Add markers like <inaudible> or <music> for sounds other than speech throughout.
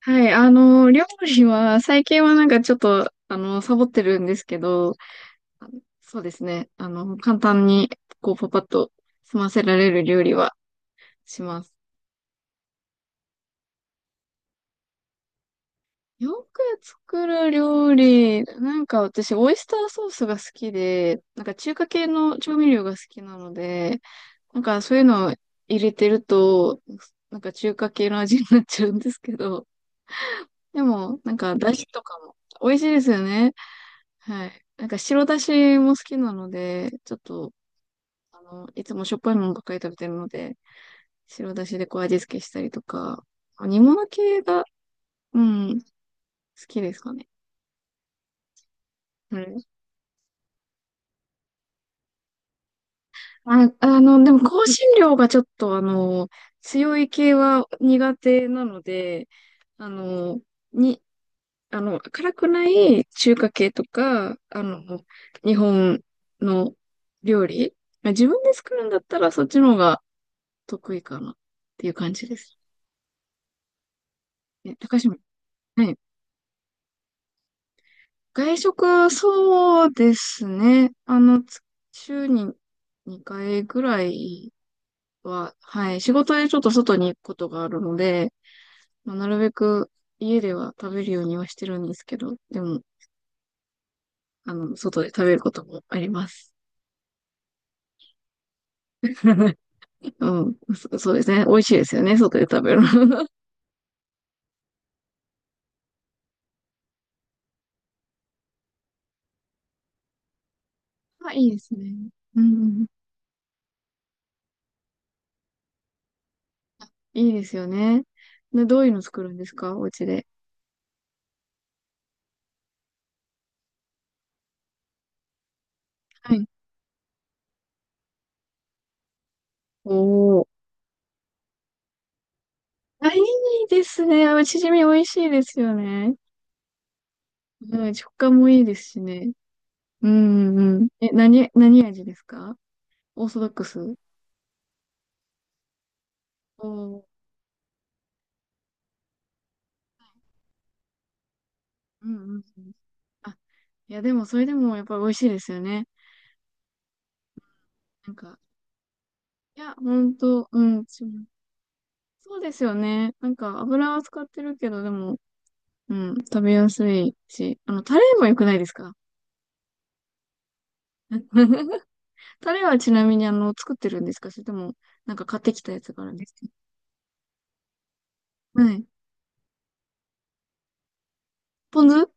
はい、料理は、最近はなんかちょっと、サボってるんですけど、あそうですね。簡単に、こう、パパッと済ませられる料理はします。よく作る料理、なんか私、オイスターソースが好きで、なんか中華系の調味料が好きなので、なんかそういうのを入れてると、なんか中華系の味になっちゃうんですけど、でも、なんか、だしとかも美味しいですよね。はい。なんか白だしも好きなので、ちょっと、いつもしょっぱいものばっかり食べてるので、白だしでこう味付けしたりとか、煮物系が、うん、好きですかね。うん。あ、でも香辛料がちょっと強い系は苦手なので、あの、に、あの、辛くない中華系とか、日本の料理、まあ自分で作るんだったらそっちの方が得意かなっていう感じです。え、高島、はい。外食、そうですね。週に2回ぐらいは、はい。仕事でちょっと外に行くことがあるので、まあ、なるべく家では食べるようにはしてるんですけど、でも、外で食べることもあります。<laughs> うん、そうですね。美味しいですよね。外で食べるの。<laughs> あ、いいですね。うん、うん、いいですよね。で、どういうの作るんですか、お家で。はい。おー。あ、いいですね。あ、チヂミ美味しいですよね。うん、食感もいいですしね。うんうん、何味ですか？オーソドックス。おー、うんうんうん。あ、いやでもそれでもやっぱり美味しいですよね。なんか、いや、ほんと、うん、そうそう、ですよね。なんか油は使ってるけど、でも、うん、食べやすいし、タレも良くないですか？ <laughs> タレはちなみに作ってるんですか？それとも、なんか買ってきたやつがあるんですか？はい。ポン酢、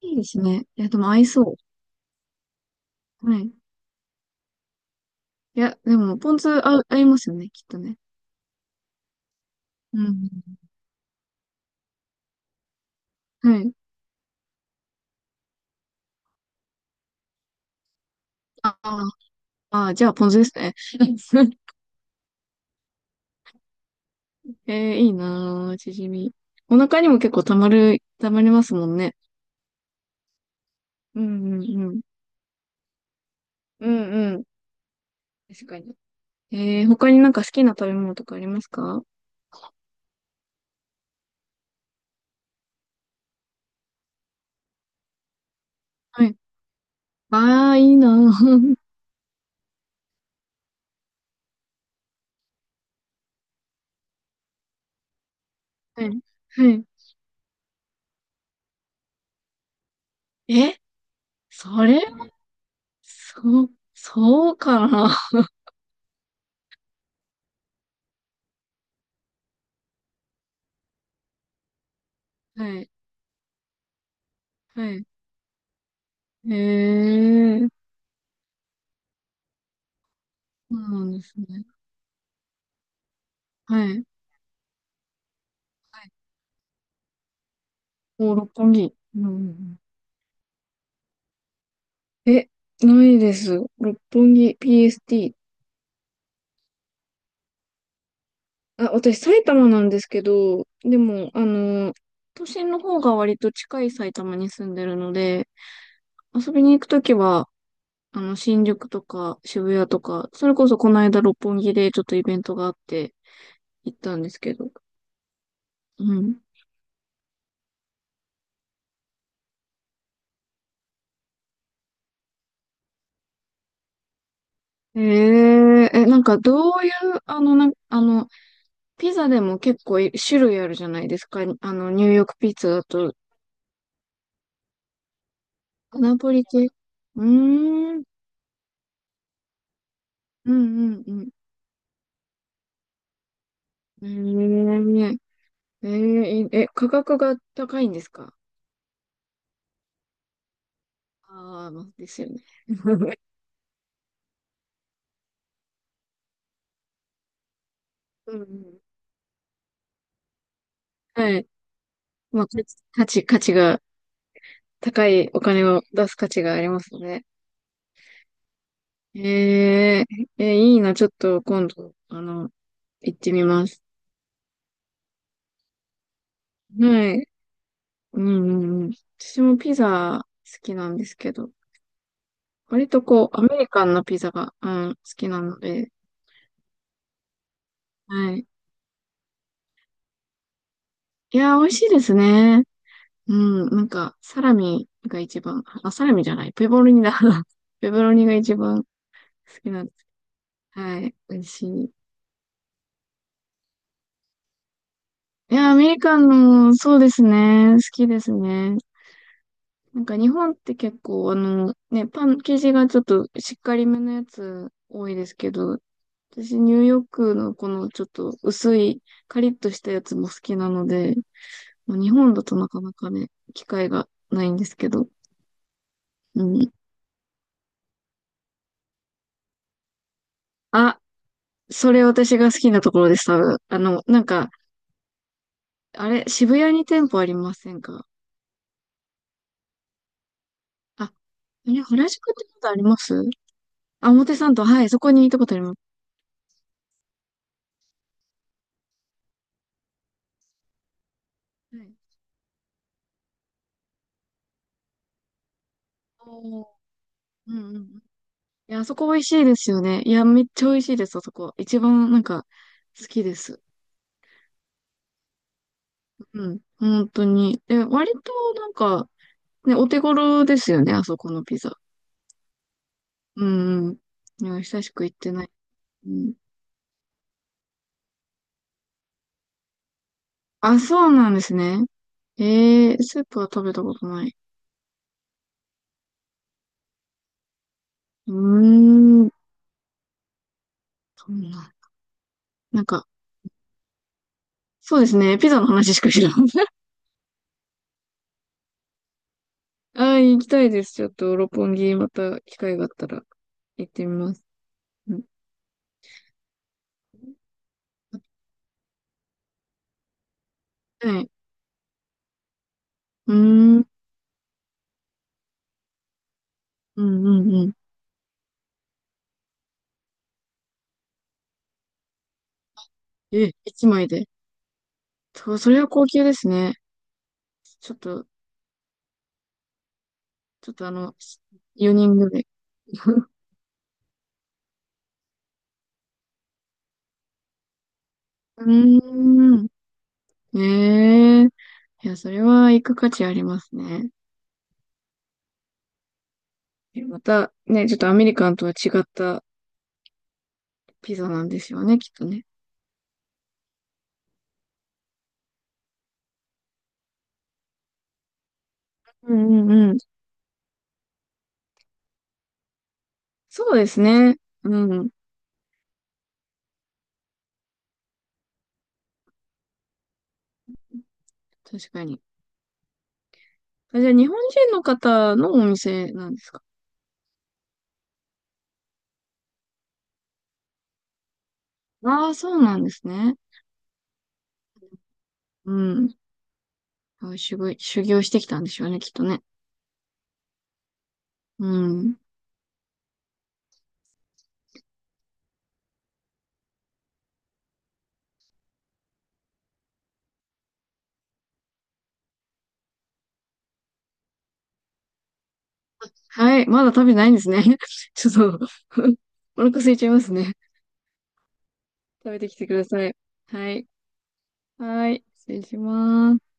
いいですね。いや、でも合いそう。はい。いや、でも、ポン酢合いますよね、きっとね。うん。はい。ああ、じゃあ、ポン酢ですね。<laughs> いいなぁ、チヂミ。お腹にも結構たまりますもんね。うんうんうん。うんうん。確かに。他になんか好きな食べ物とかありますか？はい。ああ、いいなぁ。<laughs> はい。はい。え、それそうかな。<laughs> はい。はい。えー。そうなんですね。はい。お、六本木。うんうんうん。え、ないです。六本木 PST。あ、私埼玉なんですけど、でも、都心の方が割と近い埼玉に住んでるので、遊びに行くときは、新宿とか渋谷とか、それこそこの間六本木でちょっとイベントがあって行ったんですけど。うん。えええ、なんかどういう、あの、な、あの、ピザでも結構種類あるじゃないですか。ニューヨークピッツァだと、アナポリ系。うーん。うんうんうん。えー、え価格が高いんですか？まあですよね。<laughs> うんうん。はい。まあ、価値が、高いお金を出す価値がありますね。えいいな。ちょっと今度、行ってみます。はい。うんうんうん。私もピザ好きなんですけど、割とこう、アメリカンなピザが、うん、好きなので、はい。いやー、美味しいですね。うん、なんか、サラミが一番、あ、サラミじゃない、ペボロニだ。<laughs> ペボロニが一番好きなんです。はい、美味しい。いやー、アメリカンの、そうですね、好きですね。なんか日本って結構、ね、パン生地がちょっとしっかりめのやつ多いですけど、私ニューヨークのこのちょっと薄いカリッとしたやつも好きなので、まあ日本だとなかなかね、機会がないんですけど、うん。あ、それ私が好きなところです、多分。あれ、渋谷に店舗ありませんか？あ、あれ、原宿ってことあります？あ、表参道、はい、そこに行ったことあります。はい。おー、うんうんうん。いや、あそこ美味しいですよね。いや、めっちゃ美味しいです、あそこ。一番、なんか、好きです。うん、本当に。で、割と、なんか、ね、お手頃ですよね、あそこのピザ。うんうん。いや、久しく行ってない。うん。あ、そうなんですね。スープは食べたことない。うーん、そんな。なんか、そうですね。ピザの話しか知らん。<laughs> ああ、行きたいです。ちょっと、六本木、また機会があったら行ってみます。うん、はい。うーん、うん、うん、うん。え、一枚で？そう、それは高級ですね。ちょっと、ちょっと4人ぐらい。うーん。ええ、いや、それは行く価値ありますね。また、ね、ちょっとアメリカンとは違ったピザなんですよね、きっとね。うんうんうん。そうですね。うん。確かに。あ、じゃあ、日本人の方のお店なんですか？そうなんですね。うん。あ、修行してきたんでしょうね、きっとね。うん。はい。まだ食べてないんですね。<laughs> ちょっと。 <laughs> お腹空いちゃいますね。食べてきてください。はい。はい。失礼します。